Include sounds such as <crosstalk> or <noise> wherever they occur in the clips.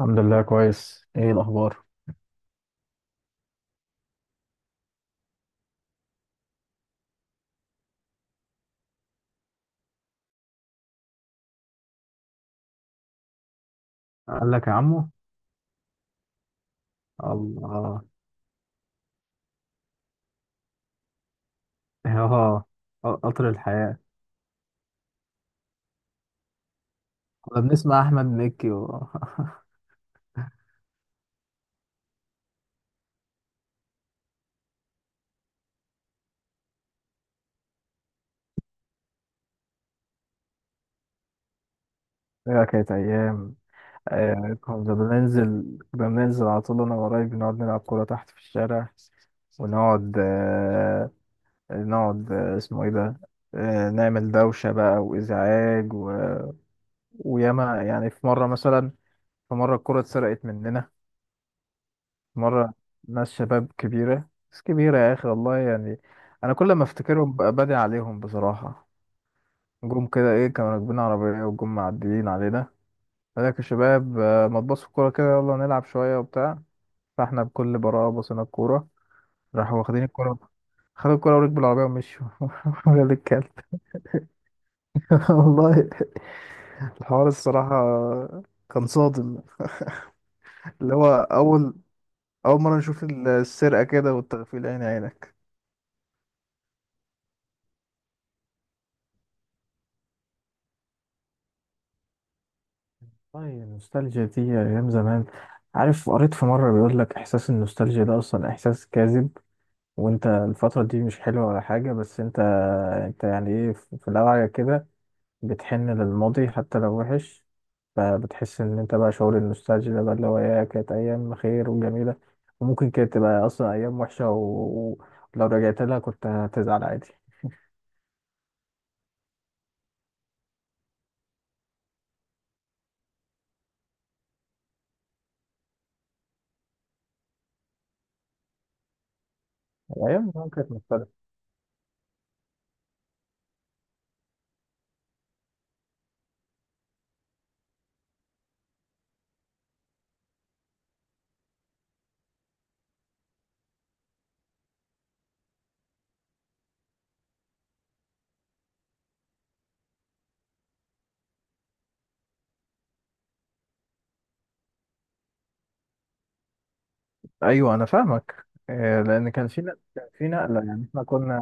الحمد لله كويس. ايه الاخبار؟ قال لك يا عمو. الله. <laughs> اه. قطر الحياة. كنا بنسمع أحمد مكي و... <laughs> ايه كانت ايام. آه، كنا بننزل، على طول انا وقرايبي نقعد نلعب كوره تحت في الشارع ونقعد، آه، نقعد، آه، اسمه ايه ده، آه، نعمل دوشه بقى وازعاج و... وياما في مره مثلا، في مره الكوره اتسرقت مننا. مرة، ناس شباب كبيرة، ناس كبيرة يا أخي والله. أنا كل ما أفتكرهم ببقى بادي عليهم بصراحة. جم كده، إيه، كانوا راكبين عربية وجم معديين علينا. قال لك يا شباب، آه، ما تبصوا الكورة كده، يلا نلعب شوية وبتاع. فإحنا بكل براءة بصينا الكورة، راحوا واخدين الكورة، خدوا الكورة وركبوا العربية ومشوا. <laughs> قال الكلب. <laughs> والله الحوار الصراحة كان صادم. اللي هو أول، أول مرة نشوف السرقة كده والتغفيل عين عينك. والله النوستالجيا دي أيام زمان. عارف، قريت في مرة بيقول لك إحساس النوستالجيا ده أصلا إحساس كاذب، وأنت الفترة دي مش حلوة ولا حاجة، بس أنت، أنت إيه في الأوعية كده بتحن للماضي حتى لو وحش، فبتحس إن أنت بقى شعور النوستالجيا ده بقى اللي هو إيه كانت أيام خير وجميلة، وممكن كانت تبقى أصلا أيام وحشة و- ولو رجعت لها كنت هتزعل عادي. الأيام زمان كانت مختلفة. أيوه، أنا فاهمك. آه، لأن كان في نقلة، كان في نقلة، إحنا كنا.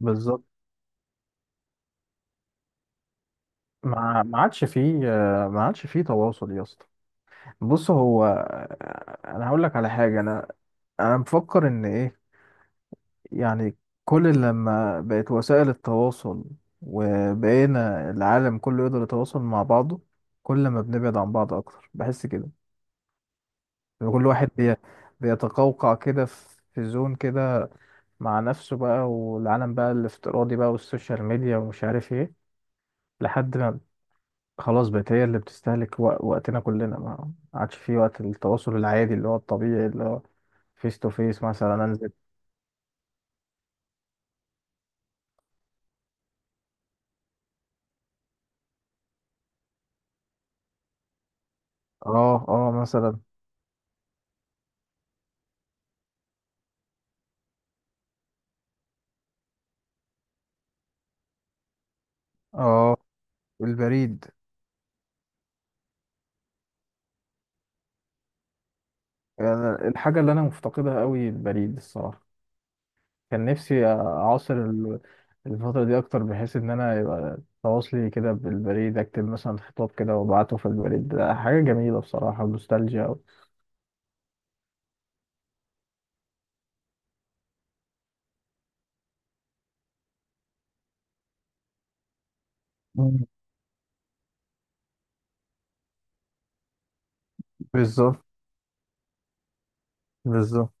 بالظبط. ما عادش فيه، آه، ما عادش فيه تواصل يا اسطى. بص، هو، آه، انا هقول لك على حاجه. انا مفكر ان ايه، يعني كل لما بقت وسائل التواصل وبقينا العالم كله يقدر يتواصل مع بعضه، كل ما بنبعد عن بعض اكتر بحس كده. لما كل واحد بيتقوقع كده في زون كده مع نفسه بقى، والعالم بقى الافتراضي بقى والسوشيال ميديا ومش عارف ايه، لحد ما خلاص بقت هي اللي بتستهلك وقتنا كلنا. ما عادش في وقت التواصل العادي، اللي هو الطبيعي، اللي هو فيس تو فيس. مثلا انزل. اه اه، مثلا اه. البريد. الحاجة اللي انا مفتقدها قوي البريد الصراحة. كان نفسي اعاصر الفترة دي اكتر، بحيث ان انا يبقى تواصلي كده بالبريد، اكتب مثلا خطاب كده وابعته في البريد. ده حاجة جميلة بصراحة، نوستالجيا أوي. مم. بالظبط. بالظبط.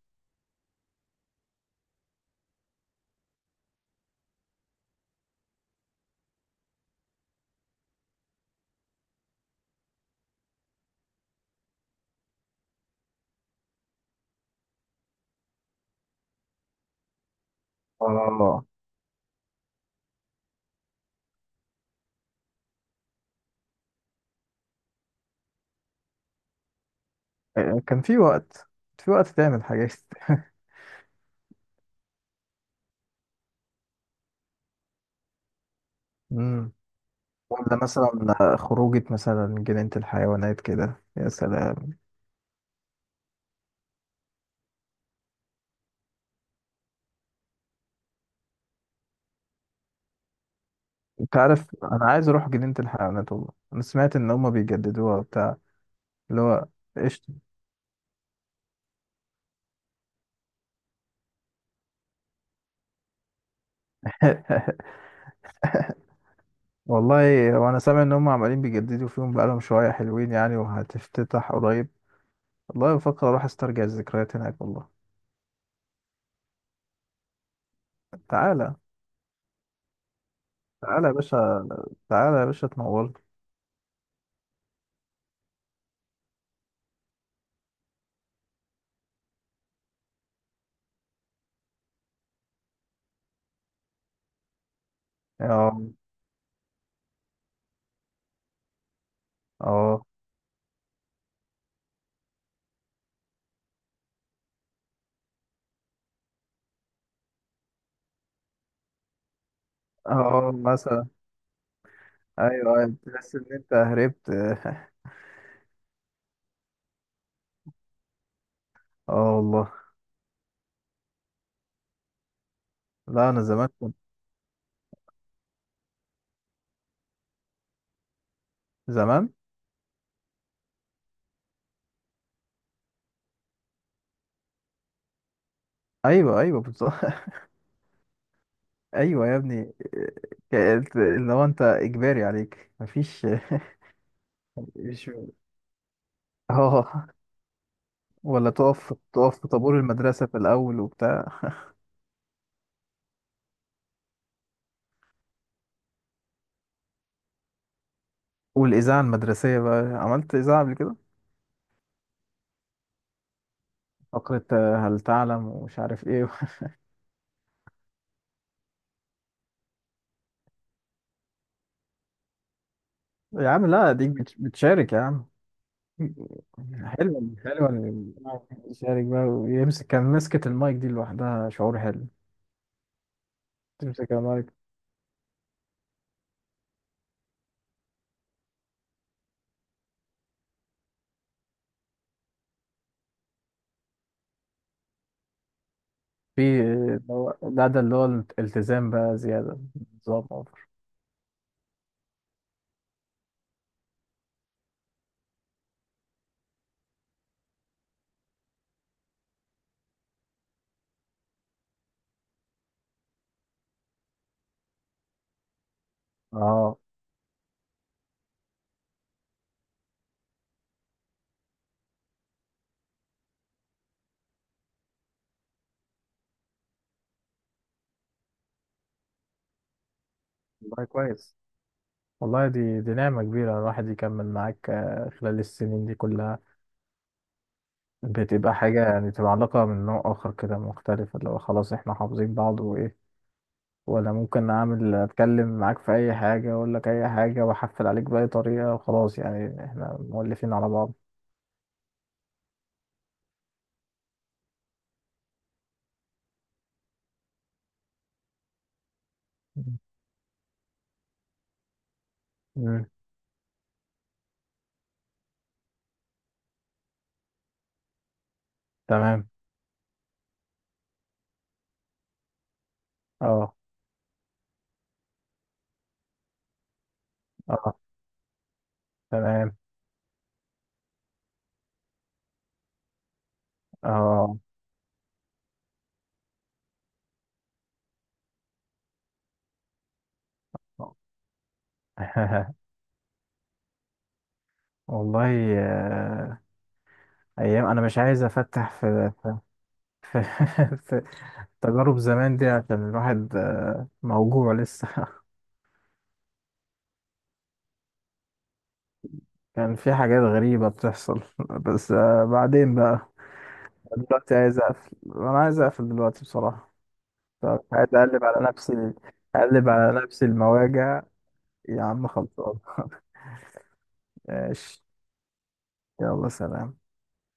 اه، كان في وقت، في وقت تعمل حاجات. <laughs> مم. ولا مثلا خروجة، مثلا جنينة الحيوانات كده، يا سلام. انت عارف انا عايز اروح جنينة الحيوانات، والله انا سمعت ان هما بيجددوها وبتاع، اللي هو قشطة. <laughs> والله. وانا سامع ان هما عمالين بيجددوا فيهم بقالهم شوية، حلوين وهتفتتح قريب. والله بفكر اروح استرجع الذكريات هناك والله. تعالى. تعالى يا باشا، تعالى يا باشا تنور. اه اه. اه مثلا. ايوه ايوه، تحس ان انت هربت. <laughs> اه والله. لا انا زمان، زمان. ايوه ايوه، بالظبط. <laughs> ايوه يا ابني، كانت اللي هو انت اجباري عليك مفيش. <laughs> مش. اه. ولا تقف في طابور المدرسه في الاول وبتاع. <laughs> والاذاعه المدرسيه بقى، عملت اذاعه قبل كده؟ فقره هل تعلم ومش عارف ايه. <laughs> يا عم لا، ديك بتشارك يا عم. حلو، حلو إن الشارع يشارك بقى ويمسك، كان مسكة المايك دي لوحدها شعور حلو. تمسك المايك. في اللي هو- لا ده اللي هو الالتزام بقى زيادة، نظام أوفر. اه. والله كويس. والله دي نعمة كبيرة الواحد يكمل معاك، آه، خلال السنين دي كلها. بتبقى حاجة، تبقى علاقة من نوع آخر كده مختلف، اللي هو خلاص احنا حافظين بعض وإيه، وأنا ممكن أعمل، أتكلم معاك في أي حاجة، أقول لك أي حاجة، وأحفل عليك بأي طريقة، وخلاص احنا مؤلفين على بعض. مم. مم. تمام. اه اه. تمام. اه. <laughs> والله. آه، ايام. انا مش عايز افتح <laughs> في, في تجارب زمان دي، عشان الواحد آه، موجوع لسه. <laughs> كان في حاجات غريبة بتحصل. <laughs> بس آه، بعدين بقى دلوقتي عايز اقفل، دلوقتي بصراحة. فمش عايز اقلب على نفسي، اقلب على نفسي المواجع. يا عم خلصان. <laughs> ماشي. يلا سلام.